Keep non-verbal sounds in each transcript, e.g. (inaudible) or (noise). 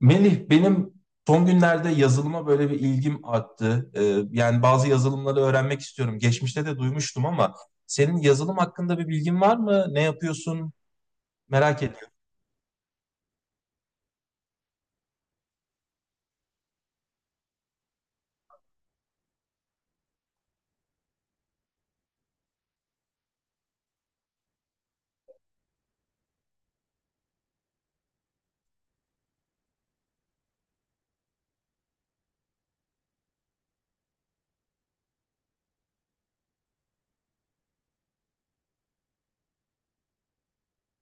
Melih, benim son günlerde yazılıma böyle bir ilgim arttı. Yani bazı yazılımları öğrenmek istiyorum. Geçmişte de duymuştum ama senin yazılım hakkında bir bilgin var mı? Ne yapıyorsun? Merak ediyorum.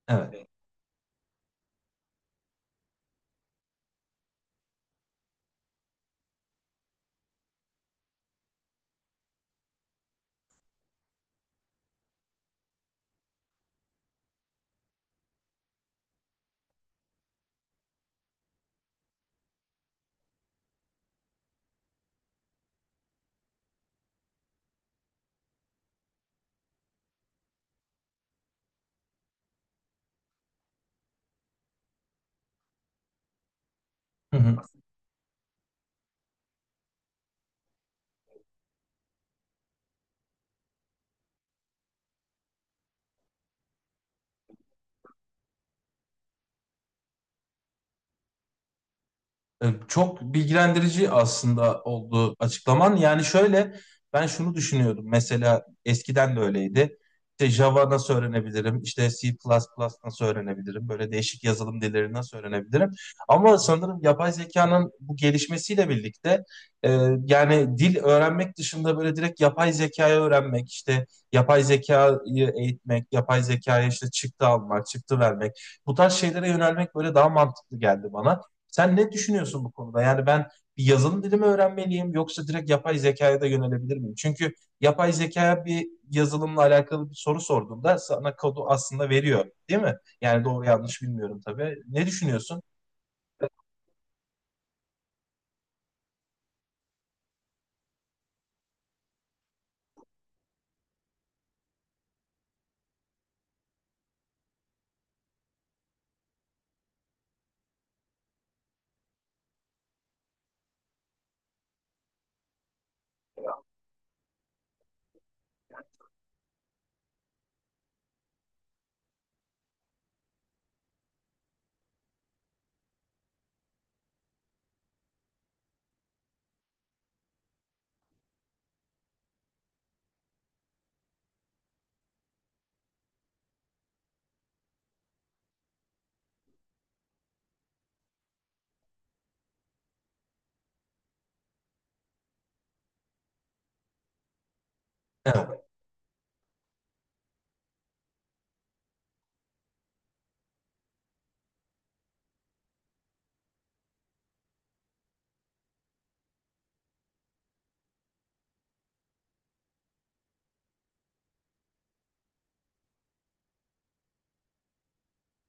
Evet. (laughs) Çok bilgilendirici aslında oldu açıklaman. Yani şöyle ben şunu düşünüyordum. Mesela eskiden de öyleydi. İşte Java nasıl öğrenebilirim? İşte C++ plus plus nasıl öğrenebilirim? Böyle değişik yazılım dilleri nasıl öğrenebilirim? Ama sanırım yapay zekanın bu gelişmesiyle birlikte e, yani dil öğrenmek dışında böyle direkt yapay zekayı öğrenmek, işte yapay zekayı eğitmek, yapay zekaya işte çıktı almak, çıktı vermek. Bu tarz şeylere yönelmek böyle daha mantıklı geldi bana. Sen ne düşünüyorsun bu konuda? Yani ben bir yazılım dili mi öğrenmeliyim yoksa direkt yapay zekaya da yönelebilir miyim? Çünkü yapay zekaya bir yazılımla alakalı bir soru sorduğunda sana kodu aslında veriyor, değil mi? Yani doğru yanlış bilmiyorum tabii. Ne düşünüyorsun? Evet.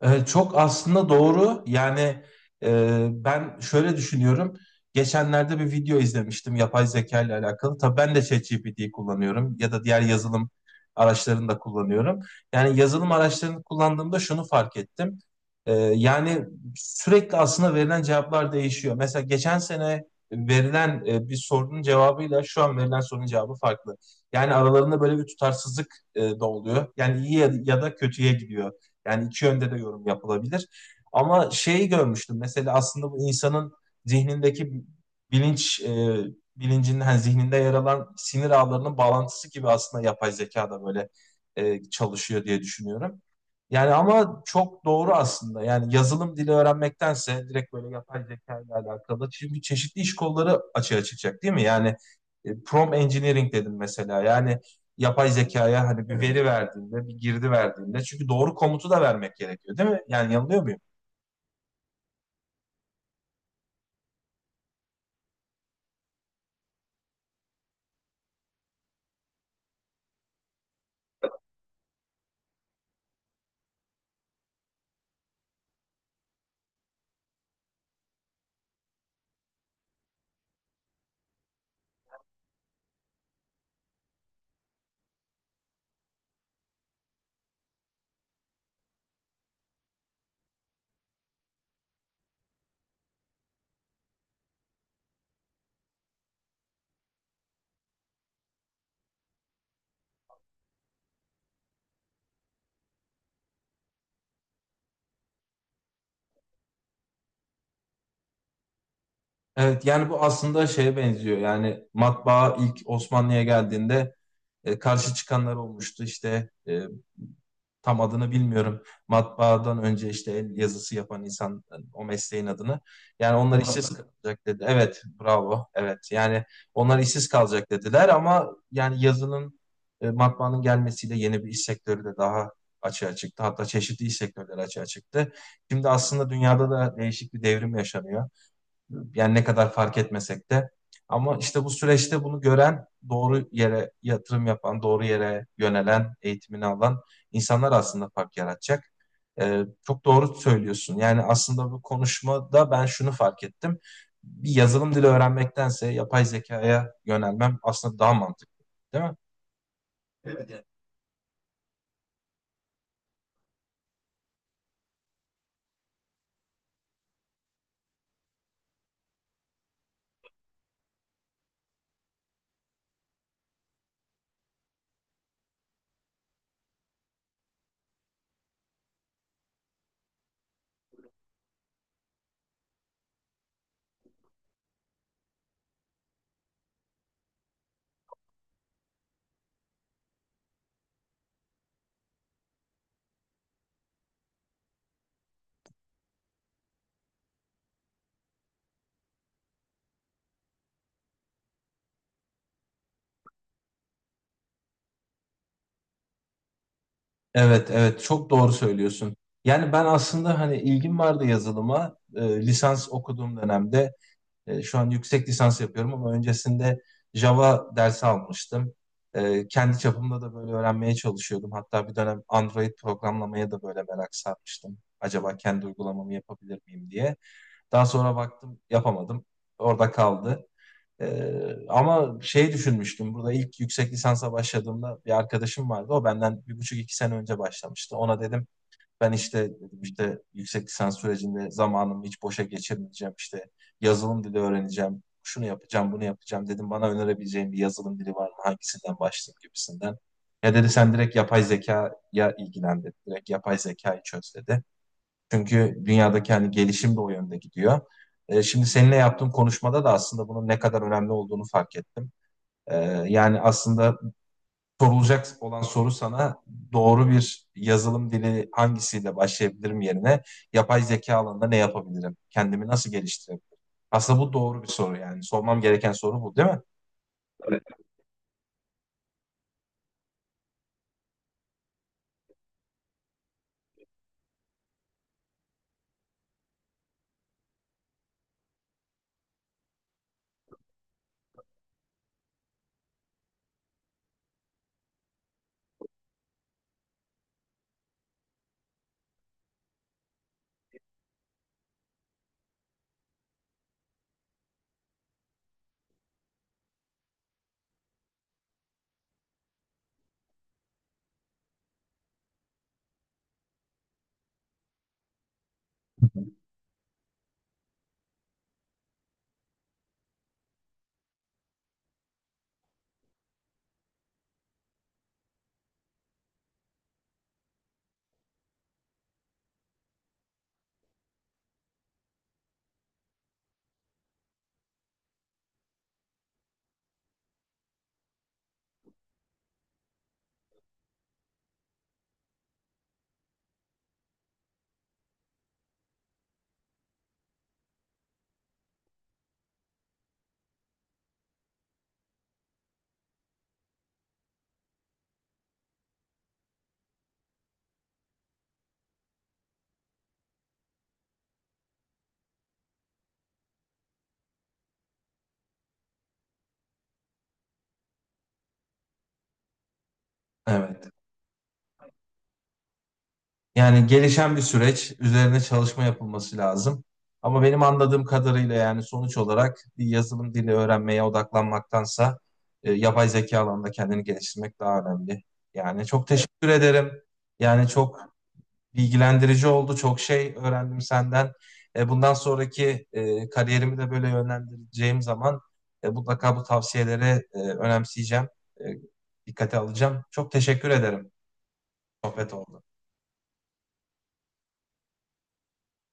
Çok aslında doğru. Yani ben şöyle düşünüyorum. Geçenlerde bir video izlemiştim yapay zeka ile alakalı. Tabii ben de ChatGPT'yi kullanıyorum ya da diğer yazılım araçlarını da kullanıyorum. Yani yazılım araçlarını kullandığımda şunu fark ettim. Yani sürekli aslında verilen cevaplar değişiyor. Mesela geçen sene verilen bir sorunun cevabıyla şu an verilen sorunun cevabı farklı. Yani aralarında böyle bir tutarsızlık da oluyor. Yani iyi ya ya da kötüye gidiyor. Yani iki yönde de yorum yapılabilir. Ama şeyi görmüştüm mesela aslında bu insanın zihnindeki bilinç e, bilincinin hani zihninde yer alan sinir ağlarının bağlantısı gibi aslında yapay zeka da böyle çalışıyor diye düşünüyorum. Yani ama çok doğru aslında. Yani yazılım dili öğrenmektense direkt böyle yapay zeka ile alakalı. Çünkü çeşitli iş kolları açığa çıkacak, değil mi? Yani prompt engineering dedim mesela. Yani yapay zekaya hani bir, evet, veri verdiğinde, bir girdi verdiğinde. Çünkü doğru komutu da vermek gerekiyor, değil mi? Yani yanılıyor muyum? Evet, yani bu aslında şeye benziyor. Yani matbaa ilk Osmanlı'ya geldiğinde karşı çıkanlar olmuştu. İşte tam adını bilmiyorum. Matbaadan önce işte el yazısı yapan insan, o mesleğin adını. Yani onlar işsiz, muhakkak, kalacak dedi. Evet, bravo. Evet. Yani onlar işsiz kalacak dediler ama yani yazının matbaanın gelmesiyle yeni bir iş sektörü de daha açığa çıktı. Hatta çeşitli iş sektörleri açığa çıktı. Şimdi aslında dünyada da değişik bir devrim yaşanıyor. Yani ne kadar fark etmesek de. Ama işte bu süreçte bunu gören, doğru yere yatırım yapan, doğru yere yönelen, eğitimini alan insanlar aslında fark yaratacak. Çok doğru söylüyorsun. Yani aslında bu konuşmada ben şunu fark ettim. Bir yazılım dili öğrenmektense yapay zekaya yönelmem aslında daha mantıklı, değil mi? Evet, evet çok doğru söylüyorsun. Yani ben aslında hani ilgim vardı yazılıma. Lisans okuduğum dönemde, şu an yüksek lisans yapıyorum ama öncesinde Java dersi almıştım. Kendi çapımda da böyle öğrenmeye çalışıyordum. Hatta bir dönem Android programlamaya da böyle merak sarmıştım. Acaba kendi uygulamamı yapabilir miyim diye. Daha sonra baktım yapamadım. Orada kaldı. Ama şey düşünmüştüm. Burada ilk yüksek lisansa başladığımda bir arkadaşım vardı. O benden 1,5-2 sene önce başlamıştı. Ona dedim ben işte dedim işte yüksek lisans sürecinde zamanımı hiç boşa geçirmeyeceğim. İşte yazılım dili öğreneceğim. Şunu yapacağım, bunu yapacağım dedim. Bana önerebileceğin bir yazılım dili var mı? Hangisinden başlayayım gibisinden. Ya dedi sen direkt yapay zekaya ilgilen dedi. Direkt yapay zekayı çöz dedi. Çünkü dünyadaki hani gelişim de o yönde gidiyor. Şimdi seninle yaptığım konuşmada da aslında bunun ne kadar önemli olduğunu fark ettim. E, Yani aslında sorulacak olan soru sana doğru bir yazılım dili hangisiyle başlayabilirim yerine yapay zeka alanında ne yapabilirim? Kendimi nasıl geliştirebilirim? Aslında bu doğru bir soru yani. Sormam gereken soru bu, değil mi? Evet. Yani gelişen bir süreç, üzerine çalışma yapılması lazım. Ama benim anladığım kadarıyla yani sonuç olarak bir yazılım dili öğrenmeye odaklanmaktansa yapay zeka alanında kendini geliştirmek daha önemli. Yani çok teşekkür ederim. Yani çok bilgilendirici oldu. Çok şey öğrendim senden. Bundan sonraki kariyerimi de böyle yönlendireceğim zaman mutlaka bu tavsiyeleri önemseyeceğim. E, Dikkate alacağım. Çok teşekkür ederim. Sohbet oldu.